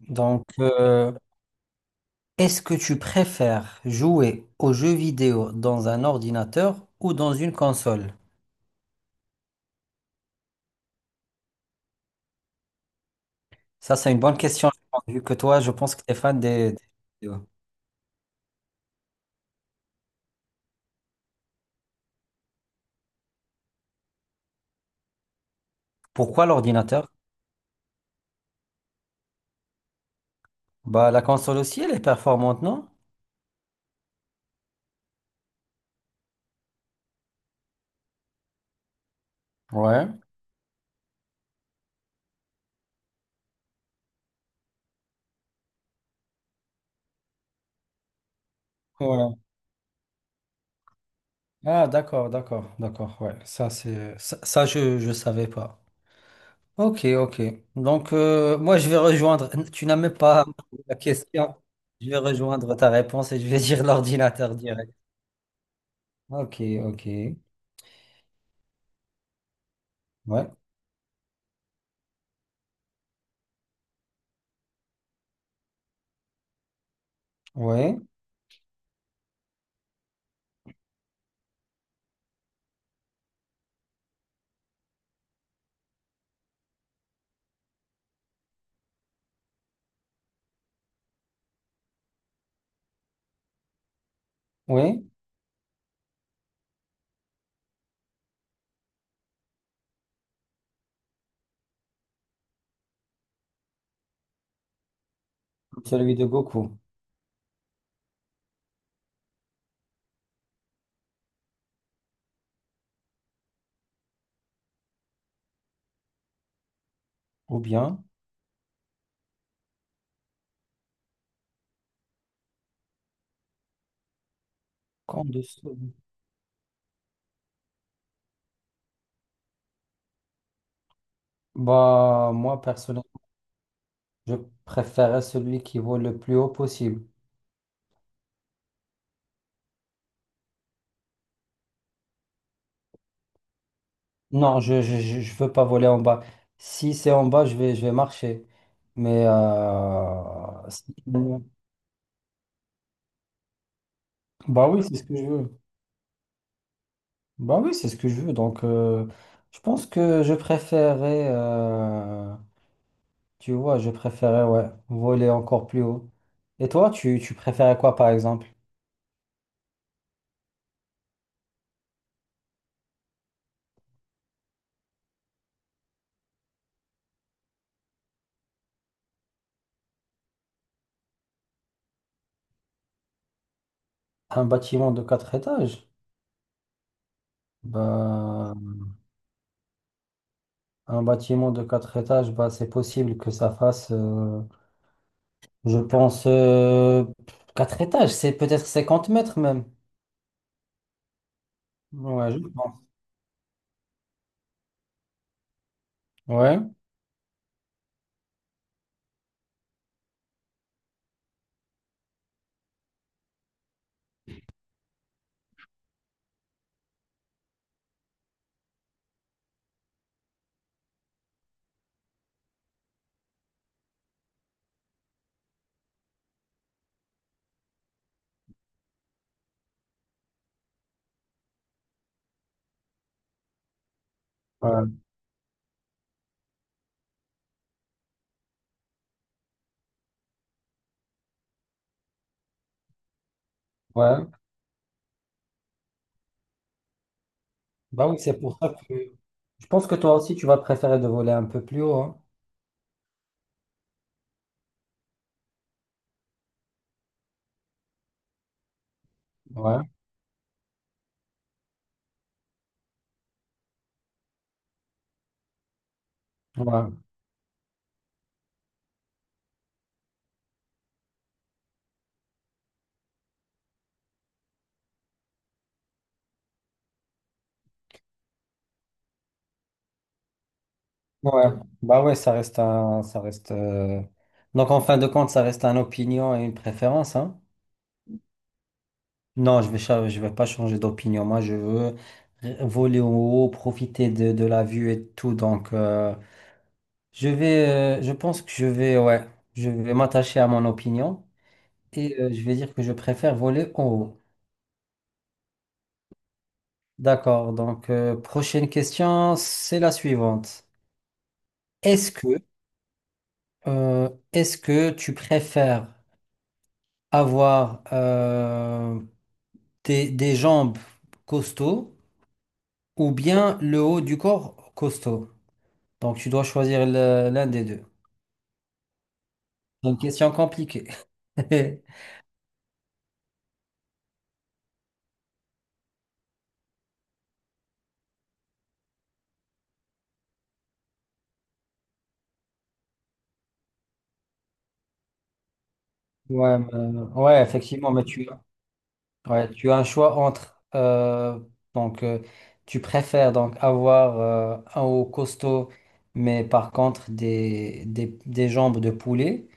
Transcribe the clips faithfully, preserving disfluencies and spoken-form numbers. Donc, euh, Est-ce que tu préfères jouer aux jeux vidéo dans un ordinateur ou dans une console? Ça, c'est une bonne question, je pense, vu que toi, je pense que tu es fan des, des jeux vidéo. Pourquoi l'ordinateur? Bah, la console aussi, elle est performante, non? Ouais. Ouais. Ah, d'accord, d'accord, d'accord. Ouais, ça, c'est ça, ça, je je savais pas. Ok, ok. Donc, euh, moi, je vais rejoindre. Tu n'as même pas posé la question. Je vais rejoindre ta réponse et je vais dire l'ordinateur direct. Ok, ok. Ouais, ouais, ouais, celui de Goku. Ou bien, camp de Seoul. Bah, moi, personnellement, je préférais celui qui vole le plus haut possible. Non, je, je, je je veux pas voler en bas. Si c'est en bas, je vais, je vais marcher. Mais, euh, si- bah oui, c'est ce que je veux. Bah oui, c'est ce que je veux. Donc, euh, je pense que je préférais, euh, tu vois, je préférais, ouais, voler encore plus haut. Et toi, tu, tu préférais quoi, par exemple? Un bâtiment de quatre étages? Bah, un bâtiment de quatre étages, bah, c'est possible que ça fasse, euh, je pense, euh, quatre étages, c'est peut-être cinquante mètres même. Ouais, je pense. Ouais, ouais, ouais. Bah oui, c'est pour ça que je pense que toi aussi, tu vas préférer de voler un peu plus haut, hein. Ouais, ouais, ouais. Bah ouais, ça reste un, ça reste, euh, donc en fin de compte, ça reste un opinion et une préférence, hein. Non, je vais, cha- je vais pas changer d'opinion. Moi, je veux r- voler en haut, profiter de, de la vue et tout. Donc, euh, je vais, euh, je pense que je vais, ouais, je vais m'attacher à mon opinion et euh, je vais dire que je préfère voler en haut. D'accord. Donc, euh, prochaine question, c'est la suivante. Est-ce que, euh, est-ce que tu préfères avoir euh, des, des jambes costauds ou bien le haut du corps costaud? Donc, tu dois choisir le- l'un des deux. C'est une question compliquée. Ouais, euh, ouais, effectivement, mais tu, ouais, tu as un choix entre, euh, donc, euh, tu préfères donc avoir euh, un haut costaud, mais par contre des, des, des jambes de poulet,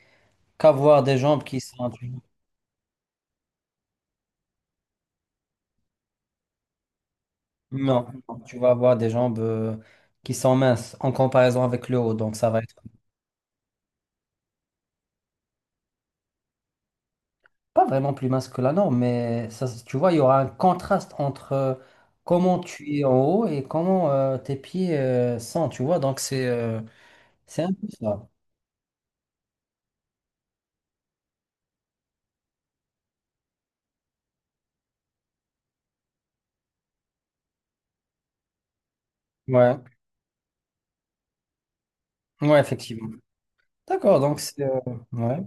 qu'avoir des jambes qui sont. tu- Non, non, tu vas avoir des jambes euh, qui sont minces en comparaison avec le haut. Donc, ça va être. Pas vraiment plus mince que la norme, mais ça, se- tu vois, il y aura un contraste entre euh, comment tu es en haut et comment euh, tes pieds euh, sont, tu vois. Donc, c'est euh, c'est un peu ça. Ouais, ouais, effectivement. D'accord, donc c'est... euh, ouais,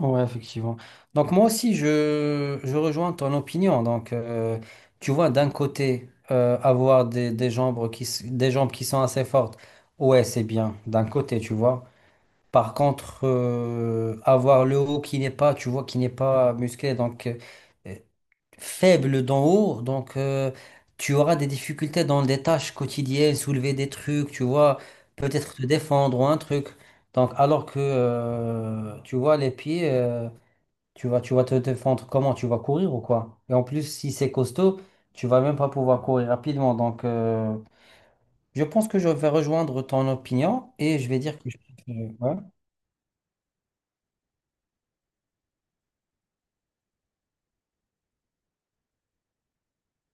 ouais, effectivement. Donc, moi aussi, je, je rejoins ton opinion. Donc, euh, tu vois, d'un côté, euh, avoir des, des jambes qui, s- des jambes qui sont assez fortes, ouais, c'est bien, d'un côté, tu vois. Par contre, euh, avoir le haut qui n'est pas, tu vois, qui n'est pas musclé, donc euh, euh, faible d'en haut, donc euh, tu auras des difficultés dans des tâches quotidiennes, soulever des trucs, tu vois, peut-être te défendre ou un truc. Donc, alors que, euh, tu vois, les pieds, euh, tu vas, tu vas te défendre comment? Tu vas courir ou quoi? Et en plus, si c'est costaud, tu vas même pas pouvoir courir rapidement. Donc, euh, je pense que je vais rejoindre ton opinion et je vais dire que je préfère- ouais.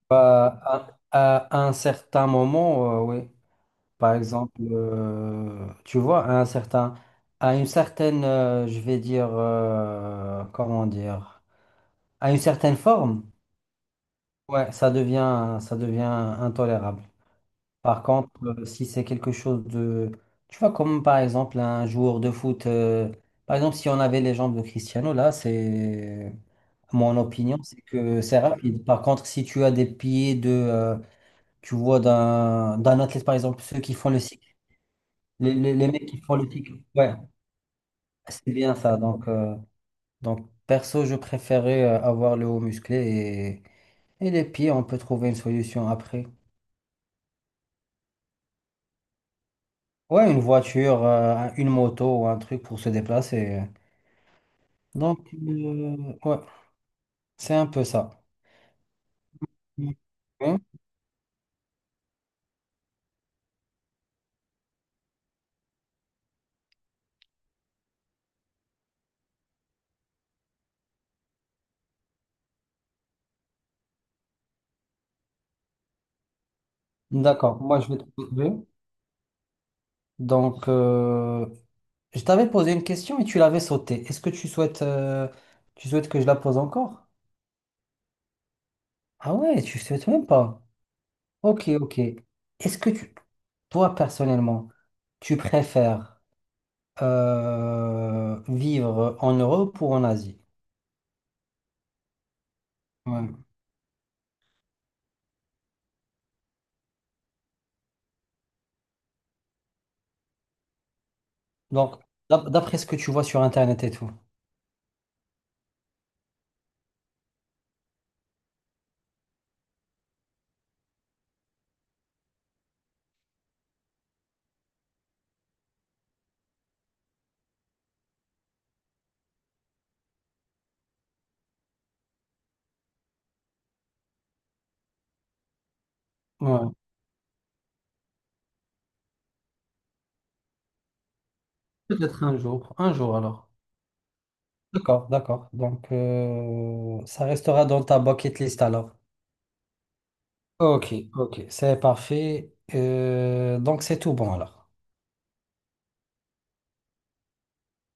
Bah, à, à un certain moment, euh, oui. Par exemple, euh, tu vois, à un certain, à une certaine, euh, je vais dire, euh, comment dire, à une certaine forme, ouais, ça devient, ça devient intolérable. Par contre, euh, si c'est quelque chose de, tu vois, comme par exemple un joueur de foot, euh, par exemple, si on avait les jambes de Cristiano, là, c'est, mon opinion, c'est que c'est rapide. Par contre, si tu as des pieds de euh, tu vois, d'un d'un athlète, par exemple, ceux qui font le cycle, les, les, les mecs qui font le cycle. Ouais, c'est bien ça. Donc, euh, donc perso, je préférais euh, avoir le haut musclé et, et les pieds, on peut trouver une solution après. Ouais, une voiture, euh, un- une moto ou un truc pour se déplacer. Donc, euh, ouais, c'est un peu ça. Mm. Hein. D'accord, moi je vais te poser. Donc, euh, je t'avais posé une question et tu l'avais sautée. Est-ce que tu souhaites, euh, tu souhaites que je la pose encore? Ah ouais, tu souhaites même pas. Ok, ok. Est-ce que tu, toi personnellement, tu préfères euh, vivre en Europe ou en Asie? Ouais. Donc, d'ap- d'après ce que tu vois sur Internet et tout. Ouais. Peut-être un jour. Un jour alors. D'accord, d'accord. Donc, euh, ça restera dans ta bucket list alors. Ok, ok, c'est parfait. Euh, donc, c'est tout bon alors.